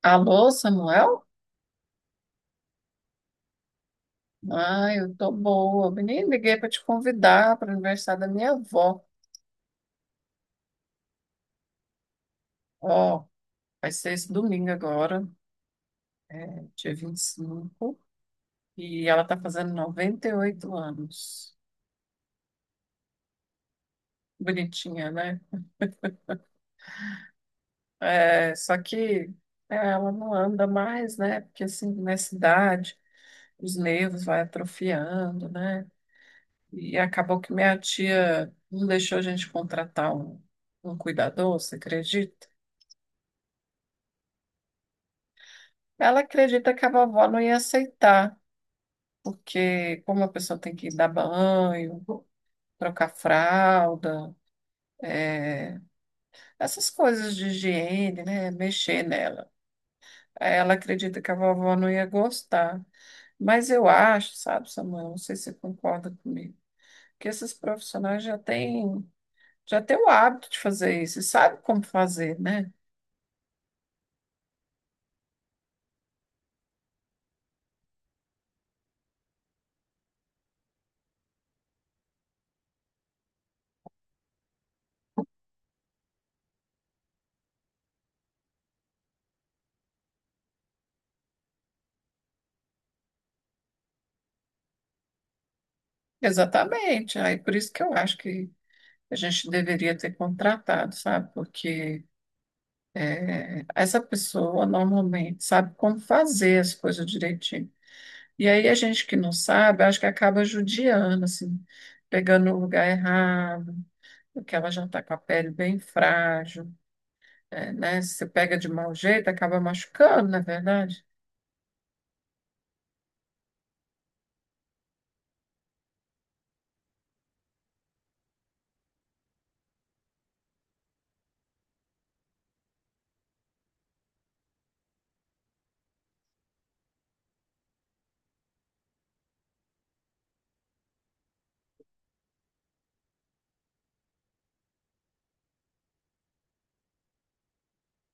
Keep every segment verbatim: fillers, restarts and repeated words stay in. Alô, Samuel? Ah, eu tô boa. Eu nem liguei para te convidar para o aniversário da minha avó. Ó, vai ser esse domingo agora, dia vinte e cinco, e ela tá fazendo noventa e oito anos. Bonitinha, né? É, só que é, ela não anda mais, né? Porque assim, nessa idade, os nervos vai atrofiando, né? E acabou que minha tia não deixou a gente contratar um, um cuidador, você acredita? Ela acredita que a vovó não ia aceitar, porque como a pessoa tem que dar banho, trocar fralda, é, essas coisas de higiene, né, mexer nela. Ela acredita que a vovó não ia gostar. Mas eu acho, sabe, Samuel, não sei se você concorda comigo, que esses profissionais já têm, já têm o hábito de fazer isso e sabem como fazer, né? Exatamente. Aí por isso que eu acho que a gente deveria ter contratado, sabe? Porque é, essa pessoa normalmente sabe como fazer as coisas direitinho. E aí a gente que não sabe, acho que acaba judiando, assim, pegando o lugar errado, porque ela já está com a pele bem frágil, é, né? Se você pega de mau jeito, acaba machucando, não é verdade?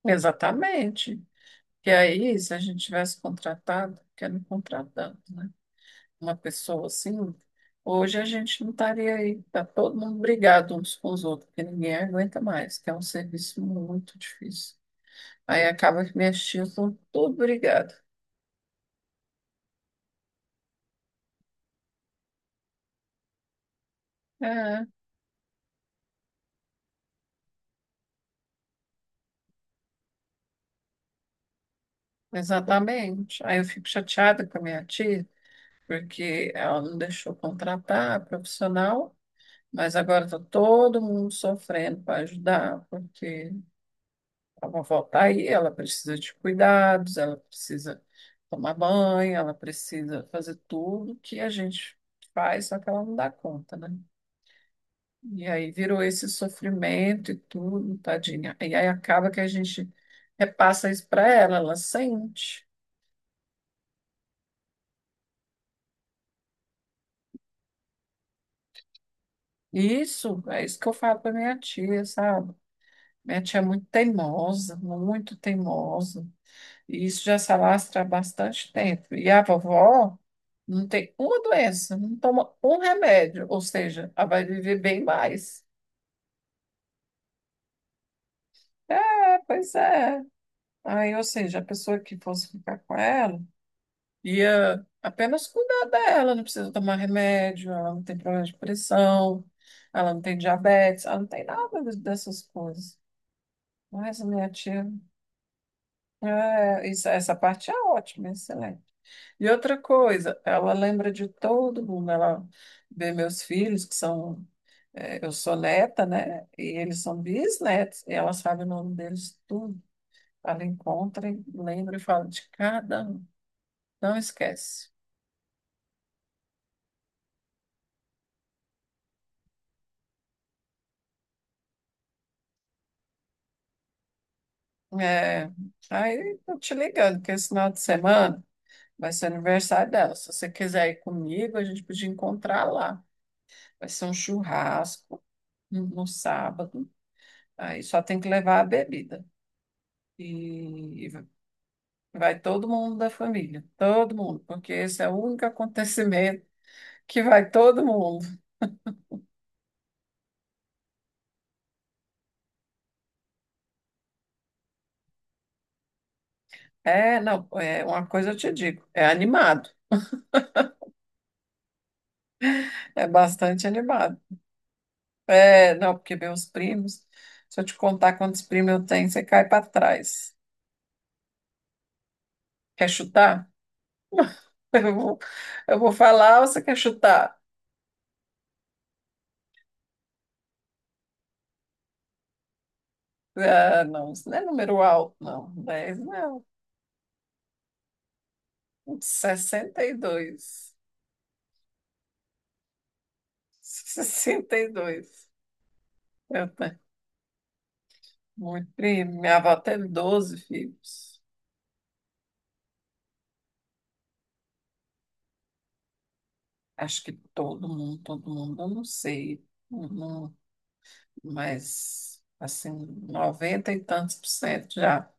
Exatamente. E aí, se a gente tivesse contratado, porque não contratando, né? Uma pessoa assim, hoje a gente não estaria aí, tá todo mundo brigado uns com os outros, porque ninguém aguenta mais, que é um serviço muito difícil. Aí acaba que minhas tias estão tudo brigado. É, exatamente. Aí eu fico chateada com a minha tia, porque ela não deixou contratar a profissional, mas agora está todo mundo sofrendo para ajudar, porque ela volta aí, ela precisa de cuidados, ela precisa tomar banho, ela precisa fazer tudo que a gente faz, só que ela não dá conta, né? E aí virou esse sofrimento e tudo, tadinha. E aí acaba que a gente repassa isso para ela, ela sente. E isso, é isso que eu falo para minha tia, sabe? Minha tia é muito teimosa, muito teimosa. E isso já se alastra há bastante tempo. E a vovó não tem uma doença, não toma um remédio, ou seja, ela vai viver bem mais. É, pois é. Aí, ou seja, a pessoa que fosse ficar com ela ia apenas cuidar dela, não precisa tomar remédio, ela não tem problema de pressão, ela não tem diabetes, ela não tem nada de- dessas coisas. Mas a minha tia, é, isso- essa parte é ótima, excelente. E outra coisa, ela lembra de todo mundo. Ela vê meus filhos, que são. Eh, eu sou neta, né? E eles são bisnetos. E ela sabe o nome deles tudo. Ela encontra, e lembra e fala de cada um. Não esquece. É, aí tô te ligando, porque esse final de semana vai ser aniversário dela. Se você quiser ir comigo, a gente podia encontrar lá. Vai ser um churrasco no no sábado. Aí só tem que levar a bebida. E vai todo mundo da família, todo mundo, porque esse é o único acontecimento que vai todo mundo. É, não, é uma coisa eu te digo, é animado, é bastante animado. É, não, porque meus primos, se eu te contar quantos primos eu tenho, você cai para trás. Quer chutar? Eu vou, eu vou falar ou você quer chutar? Ah, não, isso não é número alto, não. Dez, não. sessenta e dois. sessenta e dois. Eu tenho. Muito bem. Minha avó teve doze filhos. Acho que todo mundo, todo mundo, eu não sei. Não, mas, assim, noventa e tantos por cento já.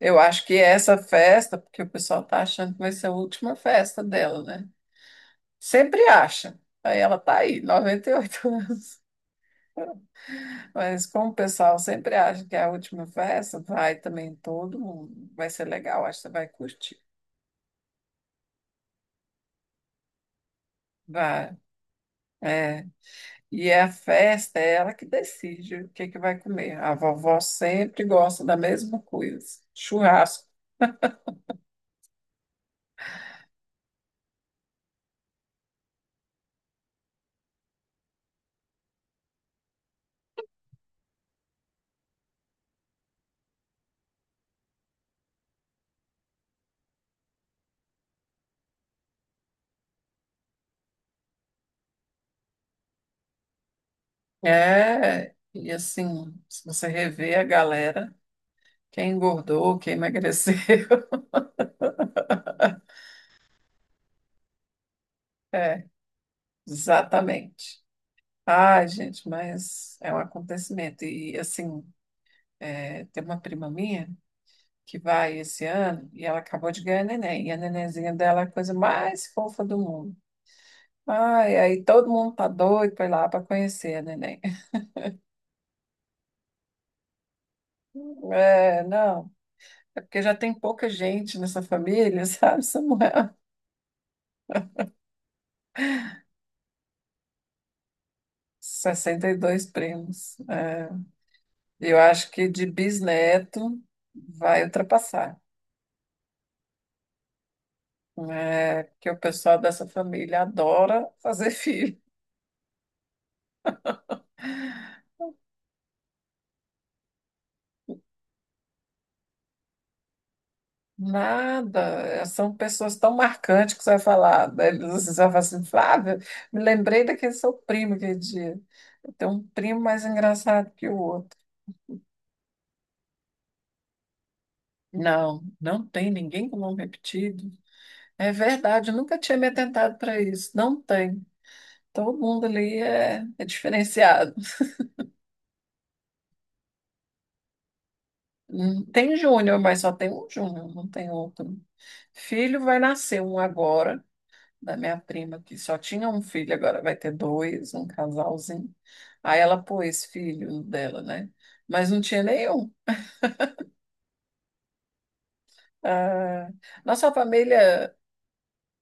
Eu acho que essa festa, porque o pessoal tá achando que vai ser a última festa dela, né? Sempre acha. Aí ela tá aí, noventa e oito anos. Mas como o pessoal sempre acha que é a última festa, vai também todo mundo. Vai ser legal, acho que você vai curtir. Vai. É. E é a festa é ela que decide o que que vai comer. A vovó sempre gosta da mesma coisa, churrasco. É, e assim, se você rever a galera, quem engordou, quem emagreceu, é, exatamente. Ai, gente, mas é um acontecimento. E assim, é, tem uma prima minha que vai esse ano e ela acabou de ganhar neném. E a nenenzinha dela é a coisa mais fofa do mundo. Ai, aí todo mundo tá doido para ir lá para conhecer a neném. É, não. É porque já tem pouca gente nessa família, sabe, Samuel? Sessenta e dois primos. É, eu acho que de bisneto vai ultrapassar. É, porque o pessoal dessa família adora fazer filho. Nada. É, são pessoas tão marcantes que você vai falar. Né, você vai falar assim, Flávia, me lembrei daquele seu primo aquele dia. Eu tenho um primo mais engraçado que o outro. Não, não tem ninguém com nome repetido. É verdade, eu nunca tinha me atentado para isso. Não tem. Todo mundo ali é, é diferenciado. Hum, Tem júnior, mas só tem um júnior, não tem outro. Filho vai nascer um agora, da minha prima, que só tinha um filho, agora vai ter dois, um casalzinho. Aí ela pôs filho dela, né? Mas não tinha nenhum. Ah, nossa família,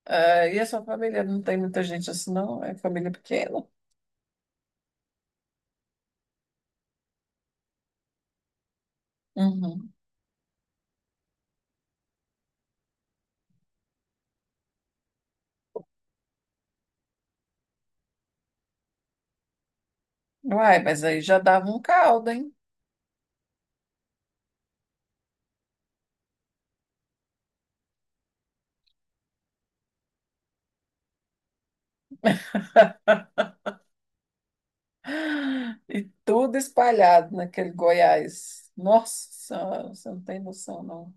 ah, e a sua família não tem muita gente assim, não? É família pequena. Uhum. Uai, mas aí já dava um caldo, hein? E tudo espalhado naquele Goiás. Nossa, Senhora, você não tem noção, não.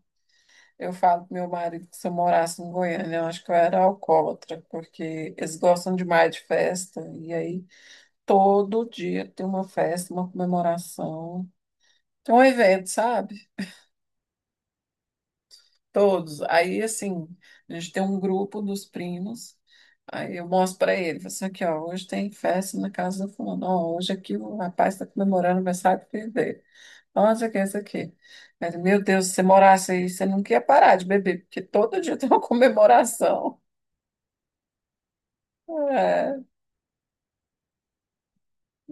Eu falo pro meu marido que se eu morasse em Goiânia, eu acho que eu era alcoólatra, porque eles gostam demais de festa. E aí, todo dia tem uma festa, uma comemoração. Tem um evento, sabe? Todos. Aí, assim, a gente tem um grupo dos primos. Aí eu mostro para ele, falo assim aqui, ó, hoje tem festa na casa do fulano. Ó, hoje aqui o rapaz está comemorando o aniversário do filho dele. Onde é que é isso aqui? Mas, meu Deus, se você morasse aí, você nunca ia parar de beber, porque todo dia tem uma comemoração. É,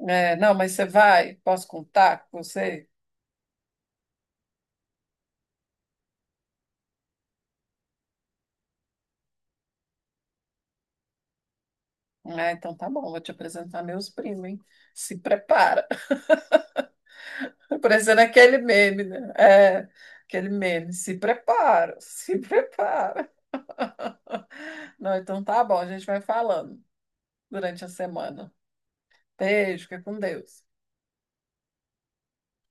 é, não, mas você vai? Posso contar com você? Ah, então tá bom, vou te apresentar meus primos, hein? Se prepara. Parecendo aquele meme, né? É, aquele meme. Se prepara, se prepara. Não, então tá bom, a gente vai falando durante a semana. Beijo, fica com Deus.